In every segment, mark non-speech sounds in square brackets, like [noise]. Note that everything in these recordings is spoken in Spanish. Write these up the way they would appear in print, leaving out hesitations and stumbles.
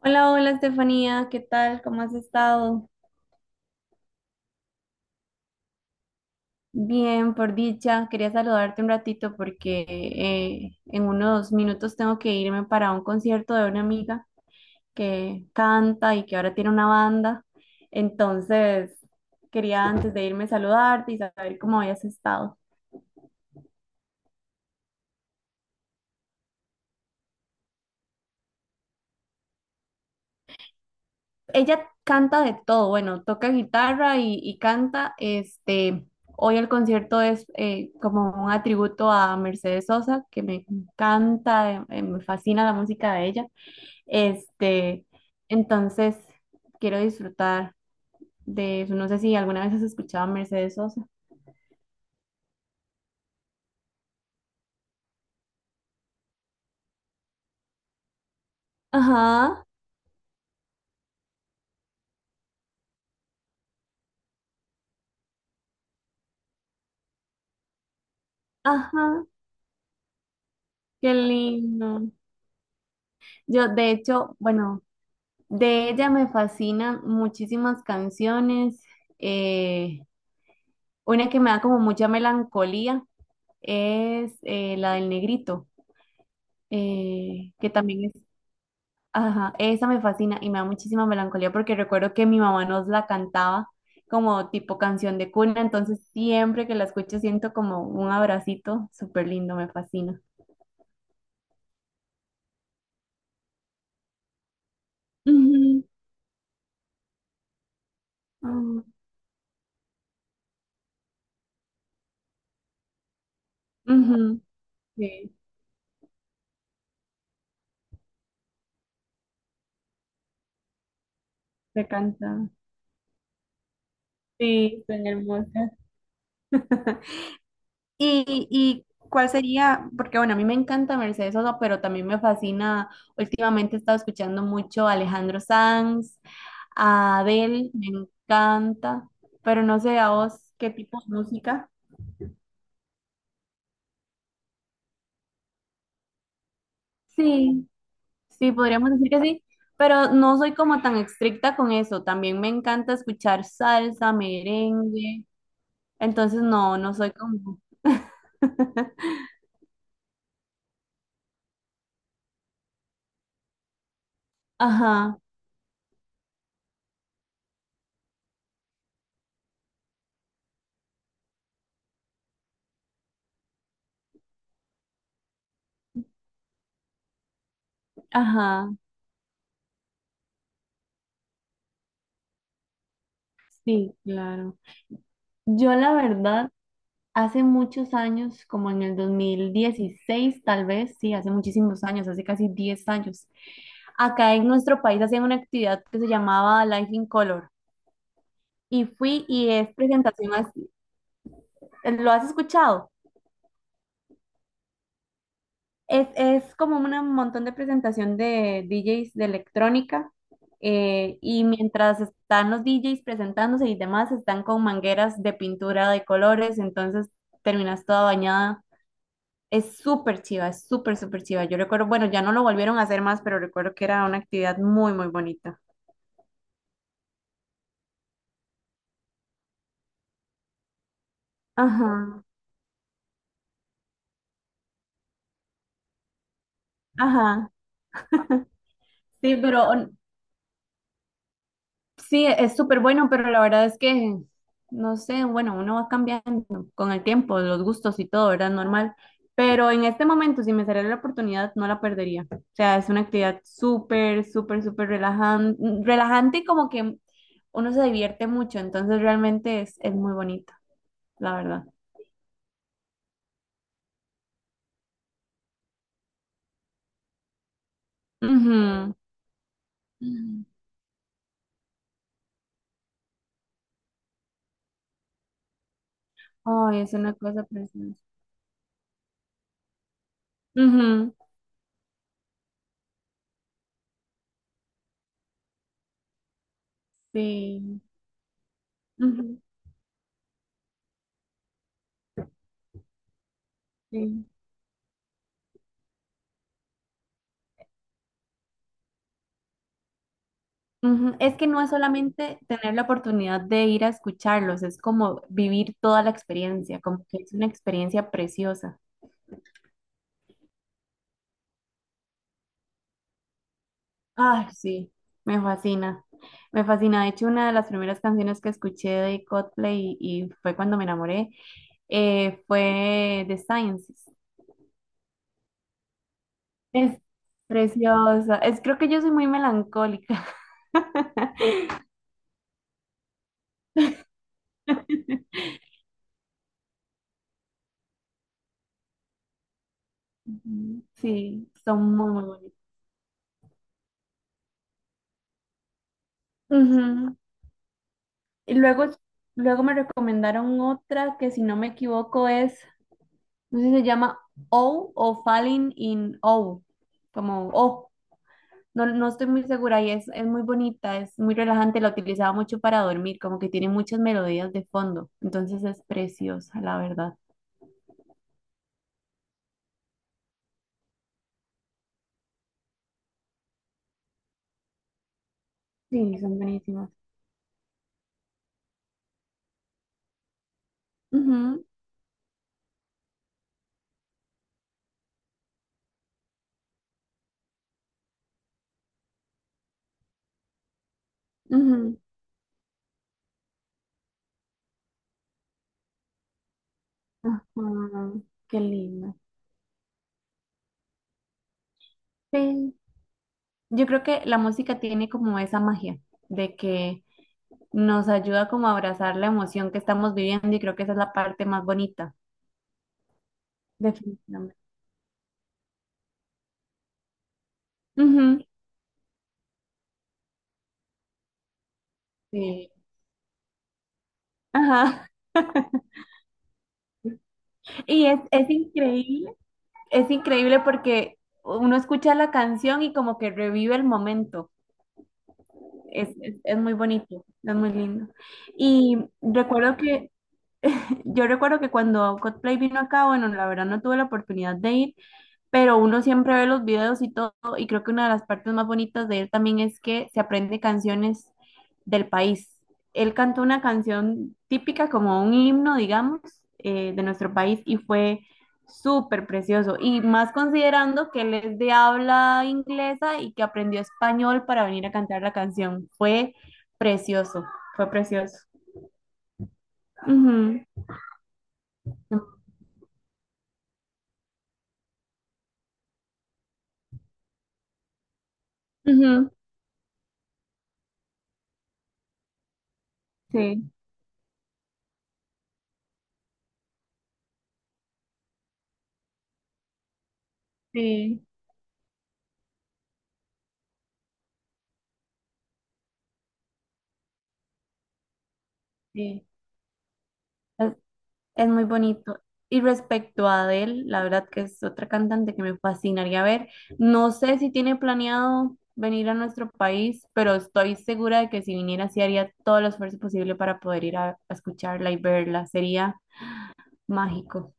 Hola, hola Estefanía, ¿qué tal? ¿Cómo has estado? Bien, por dicha. Quería saludarte un ratito porque en unos minutos tengo que irme para un concierto de una amiga que canta y que ahora tiene una banda. Entonces, quería antes de irme saludarte y saber cómo habías estado. Ella canta de todo, bueno, toca guitarra y canta. Hoy el concierto es como un atributo a Mercedes Sosa, que me encanta, me fascina la música de ella. Este, entonces quiero disfrutar de eso. No sé si alguna vez has escuchado a Mercedes Sosa. Ajá, ajá, qué lindo. Yo, de hecho, bueno, de ella me fascinan muchísimas canciones. Eh, Una que me da como mucha melancolía es la del negrito, que también es, ajá, esa me fascina y me da muchísima melancolía porque recuerdo que mi mamá nos la cantaba como tipo canción de cuna, entonces siempre que la escucho siento como un abracito súper lindo, me fascina. Ujú, ujú, ujú, sí, se canta. Sí, son hermosas. Y cuál sería? Porque bueno, a mí me encanta Mercedes Sosa, pero también me fascina, últimamente he estado escuchando mucho a Alejandro Sanz, a Adele, me encanta, pero no sé a vos qué tipo de música. Sí, sí, podríamos decir que sí, pero no soy como tan estricta con eso, también me encanta escuchar salsa, merengue, entonces no, no soy como... [laughs] Ajá, ajá, sí, claro. Yo la verdad... Hace muchos años, como en el 2016 tal vez, sí, hace muchísimos años, hace casi 10 años, acá en nuestro país hacían una actividad que se llamaba Life in Color y fui y es presentación así, ¿lo has escuchado? Es como un montón de presentación de DJs de electrónica y mientras están los DJs presentándose y demás, están con mangueras de pintura de colores, entonces terminas toda bañada. Es súper chiva, es súper, súper chiva. Yo recuerdo, bueno, ya no lo volvieron a hacer más, pero recuerdo que era una actividad muy, muy bonita. Ajá, ajá. Sí, pero sí, es súper bueno, pero la verdad es que, no sé, bueno, uno va cambiando con el tiempo, los gustos y todo, ¿verdad? Normal. Pero en este momento, si me saliera la oportunidad, no la perdería. O sea, es una actividad súper, súper, súper relajante, relajante y como que uno se divierte mucho, entonces realmente es muy bonita, la verdad. Ujú. Mm. Ay, es una cosa preciosa. Ujú, sí, ujú, sí, ujú. Es que no es solamente tener la oportunidad de ir a escucharlos, es como vivir toda la experiencia, como que es una experiencia preciosa. Ay, sí, me fascina, me fascina. De hecho, una de las primeras canciones que escuché de Coldplay y fue cuando me enamoré, fue The Sciences. Es preciosa, es creo que yo soy muy melancólica. [laughs] Ujú. Sí, son muy, muy bonitas. Ujú. Y luego, luego me recomendaron otra que si no me equivoco es, no sé si se llama O o Falling in O, como O. No, no estoy muy segura y es muy bonita, es muy relajante, la utilizaba mucho para dormir, como que tiene muchas melodías de fondo, entonces es preciosa, la verdad. Sí, son buenísimas. Ujú, ujú. Ajá, qué lindo. Sí. Yo creo que la música tiene como esa magia de que nos ayuda como a abrazar la emoción que estamos viviendo y creo que esa es la parte más bonita, definitivamente. Ujú, sí. Ajá. Y es increíble porque uno escucha la canción y como que revive el momento. Es muy bonito, es muy lindo. Y recuerdo que, yo recuerdo que cuando Coldplay vino acá, bueno, la verdad no tuve la oportunidad de ir, pero uno siempre ve los videos y todo, y creo que una de las partes más bonitas de él también es que se aprende canciones del país. Él cantó una canción típica, como un himno, digamos, de nuestro país, y fue súper precioso, y más considerando que él es de habla inglesa y que aprendió español para venir a cantar la canción. Fue precioso, fue precioso. Ujú, ujú, sí, sí, sí. Es muy bonito. Y respecto a Adele, la verdad que es otra cantante que me fascinaría ver. No sé si tiene planeado venir a nuestro país, pero estoy segura de que si viniera, sí haría todo el esfuerzo posible para poder ir a escucharla y verla. Sería mágico.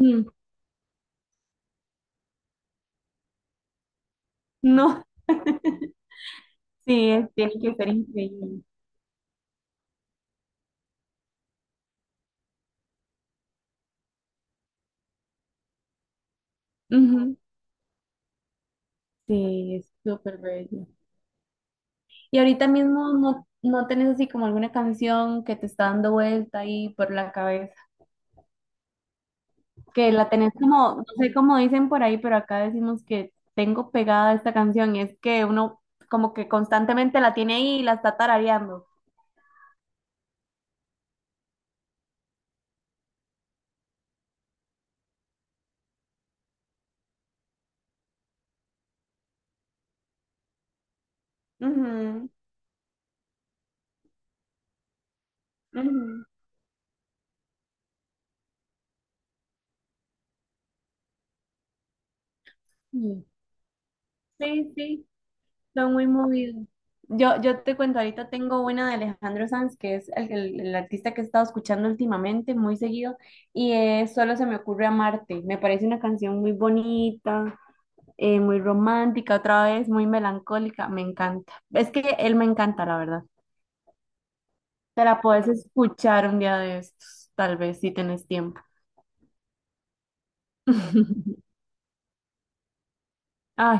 Mm, no, sí, es- tiene que ser increíble. Ujú, sí, es súper bello. Y ahorita mismo no, no tenés así como alguna canción que te está dando vuelta ahí por la cabeza. Que la tenés como, no sé cómo dicen por ahí, pero acá decimos que tengo pegada esta canción y es que uno como que constantemente la tiene ahí y la está tarareando. Ujú, ujú. Sí, sí, sí, son muy movidos. Yo te cuento, ahorita tengo una de Alejandro Sanz, que es el artista que he estado escuchando últimamente, muy seguido, y es Solo se me ocurre amarte. Me parece una canción muy bonita, muy romántica, otra vez muy melancólica, me encanta. Es que él me encanta, la verdad. Te la puedes escuchar un día de estos, tal vez si tenés tiempo. [laughs] Ay,